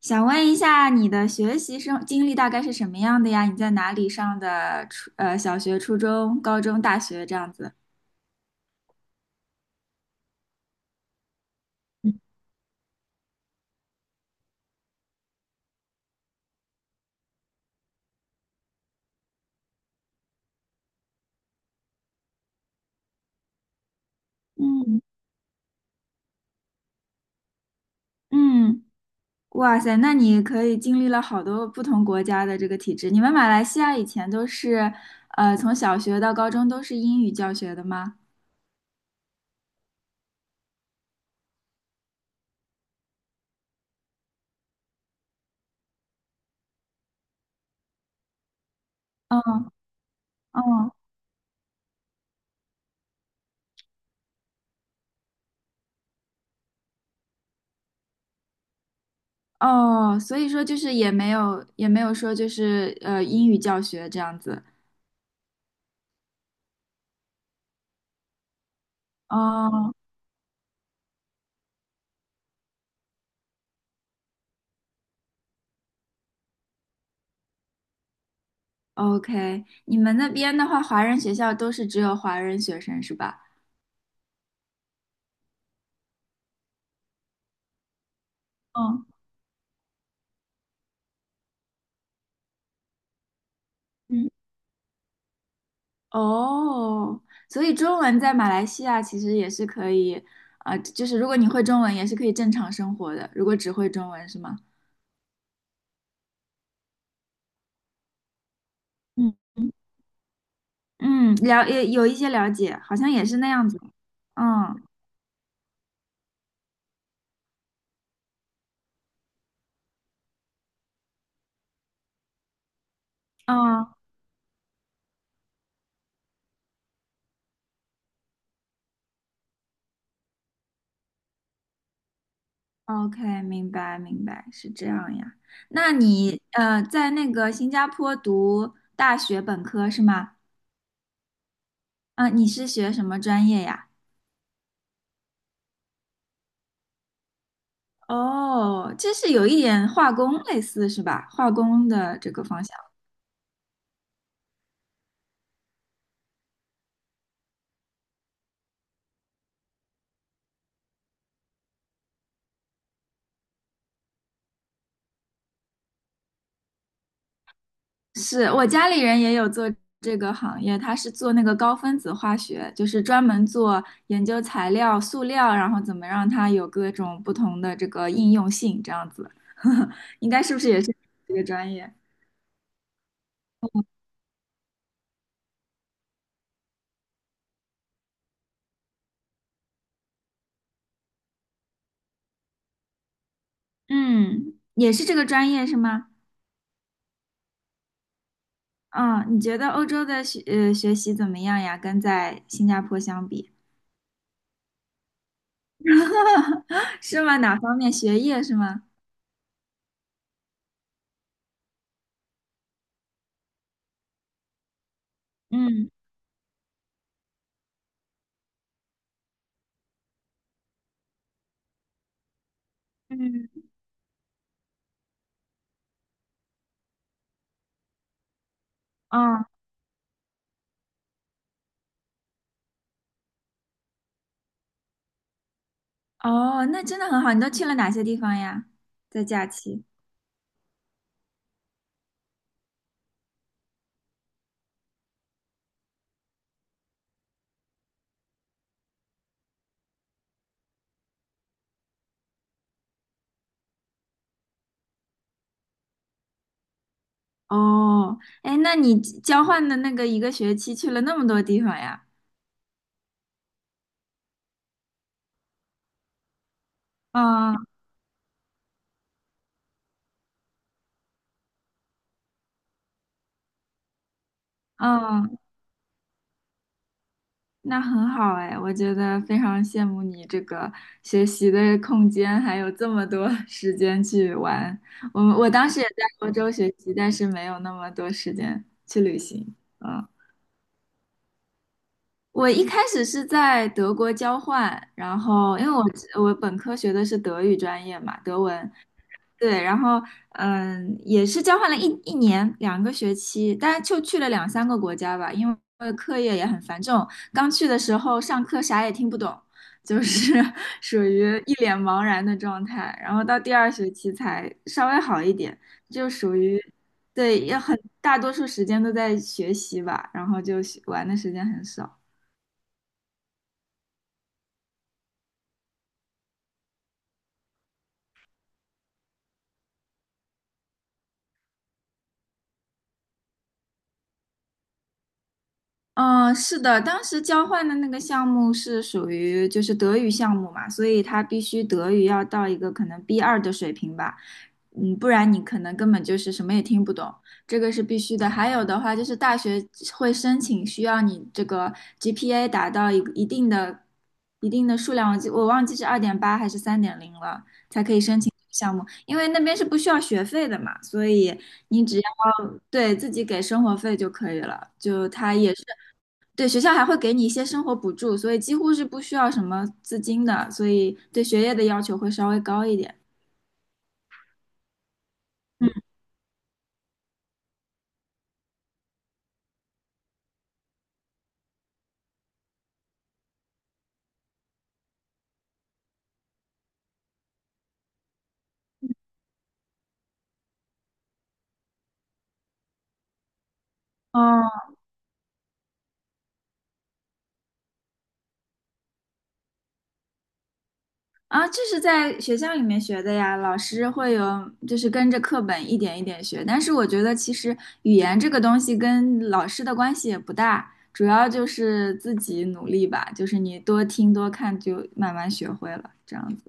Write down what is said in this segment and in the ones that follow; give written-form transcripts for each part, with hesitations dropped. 想问一下，你的学习生经历大概是什么样的呀？你在哪里上的小学、初中、高中、大学这样子？嗯。嗯，哇塞，那你可以经历了好多不同国家的这个体制。你们马来西亚以前都是从小学到高中都是英语教学的吗？嗯。嗯。哦，所以说就是也没有说就是英语教学这样子。哦 OK，你们那边的话，华人学校都是只有华人学生是吧？嗯。嗯，哦，所以中文在马来西亚其实也是可以，啊、就是如果你会中文，也是可以正常生活的。如果只会中文是吗？嗯嗯，嗯了，也有一些了解，好像也是那样子。嗯。嗯，OK，明白明白，是这样呀。那你呃，在那个新加坡读大学本科是吗？啊、你是学什么专业呀？哦，这是有一点化工类似是吧？化工的这个方向，是我家里人也有做这个行业，他是做那个高分子化学，就是专门做研究材料、塑料，然后怎么让它有各种不同的这个应用性，这样子。应该是不是也是这个专业？嗯，也是这个专业是吗？嗯，你觉得欧洲的学习怎么样呀？跟在新加坡相比，是吗？哪方面？学业是吗？嗯。嗯，哦。哦，那真的很好。你都去了哪些地方呀？在假期？哦，哎，那你交换的那个一个学期去了那么多地方呀？嗯。嗯，那很好哎，我觉得非常羡慕你这个学习的空间，还有这么多 时间去玩。我当时也在欧洲学习，但是没有那么多时间去旅行。嗯。我一开始是在德国交换，然后因为我本科学的是德语专业嘛，德文，对，然后嗯，也是交换了一年两个学期，但是就去了两三个国家吧，因为课业也很繁重，刚去的时候上课啥也听不懂，就是 属于一脸茫然的状态，然后到第二学期才稍微好一点，就属于对，也很大多数时间都在学习吧，然后就学玩的时间很少。嗯，是的，当时交换的那个项目是属于就是德语项目嘛，所以他必须德语要到一个可能 b 二的水平吧，嗯，不然你可能根本就是什么也听不懂，这个是必须的。还有的话就是大学会申请需要你这个 GPA 达到一个一定的数量，我忘记是2.8还是3.0了，才可以申请这个项目，因为那边是不需要学费的嘛，所以你只要。对，自己给生活费就可以了，就他也是对，学校还会给你一些生活补助，所以几乎是不需要什么资金的，所以对学业的要求会稍微高一点。哦，啊，这是在学校里面学的呀，老师会有，就是跟着课本一点一点学。但是我觉得其实语言这个东西跟老师的关系也不大，主要就是自己努力吧，就是你多听多看就慢慢学会了，这样子。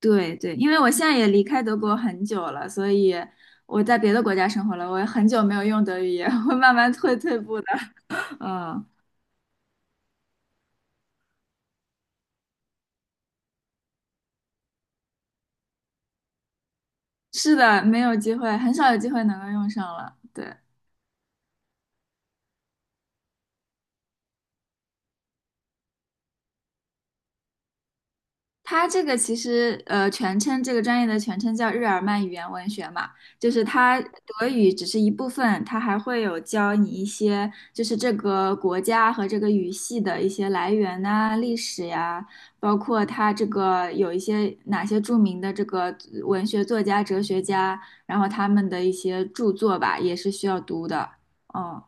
对对，因为我现在也离开德国很久了，所以我在别的国家生活了，我也很久没有用德语，也会慢慢退步的。嗯，是的，没有机会，很少有机会能够用上了。对。它这个其实，全称这个专业的全称叫日耳曼语言文学嘛，就是它德语只是一部分，它还会有教你一些，就是这个国家和这个语系的一些来源呐、历史呀，包括它这个有一些哪些著名的这个文学作家、哲学家，然后他们的一些著作吧，也是需要读的。嗯，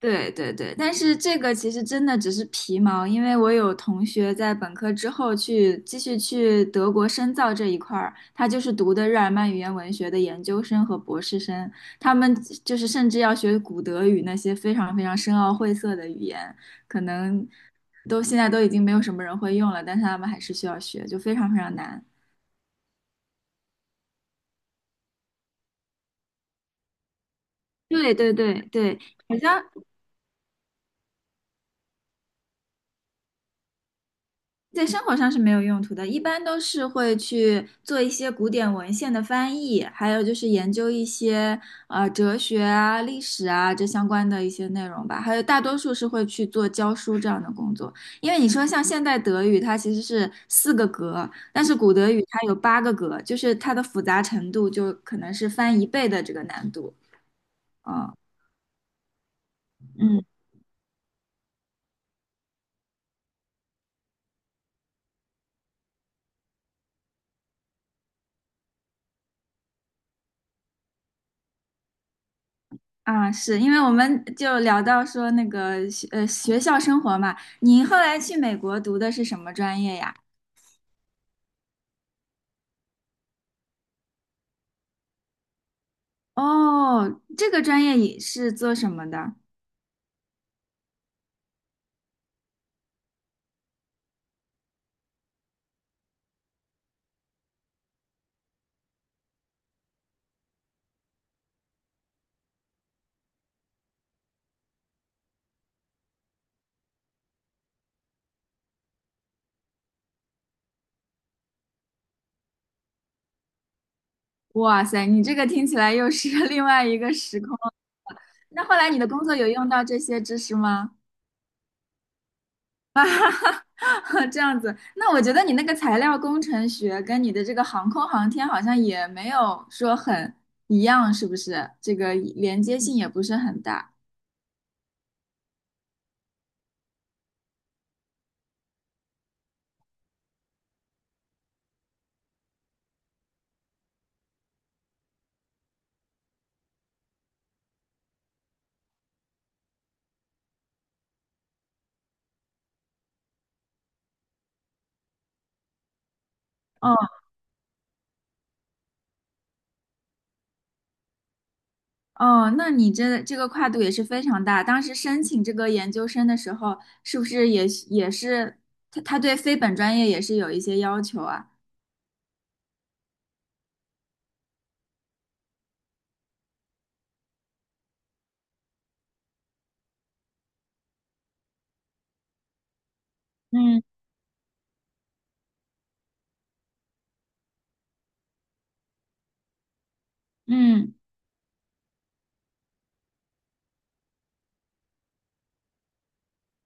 对对对，但是这个其实真的只是皮毛，因为我有同学在本科之后去继续去德国深造这一块儿，他就是读的日耳曼语言文学的研究生和博士生，他们就是甚至要学古德语那些非常非常深奥晦涩的语言，可能都现在都已经没有什么人会用了，但是他们还是需要学，就非常非常难。对对对对，好像在生活上是没有用途的，一般都是会去做一些古典文献的翻译，还有就是研究一些哲学啊、历史啊这相关的一些内容吧。还有大多数是会去做教书这样的工作，因为你说像现代德语，它其实是4个格，但是古德语它有8个格，就是它的复杂程度就可能是翻一倍的这个难度。嗯。嗯。啊，是因为我们就聊到说那个学校生活嘛，你后来去美国读的是什么专业呀？哦，这个专业也是做什么的？哇塞，你这个听起来又是 另外一个时空。那后来你的工作有用到这些知识吗？这样子，那我觉得你那个材料工程学跟你的这个航空航天好像也没有说很一样，是不是？这个连接性也不是很大。哦。哦，那你这个跨度也是非常大。当时申请这个研究生的时候，是不是也是他对非本专业也是有一些要求啊？嗯。嗯，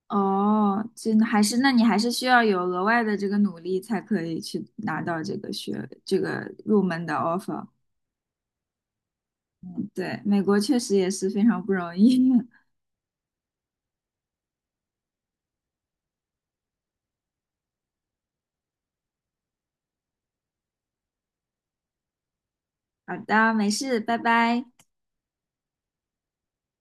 哦，真的还是那你还是需要有额外的这个努力才可以去拿到这个学这个入门的 offer。对，美国确实也是非常不容易。好的，没事，拜拜。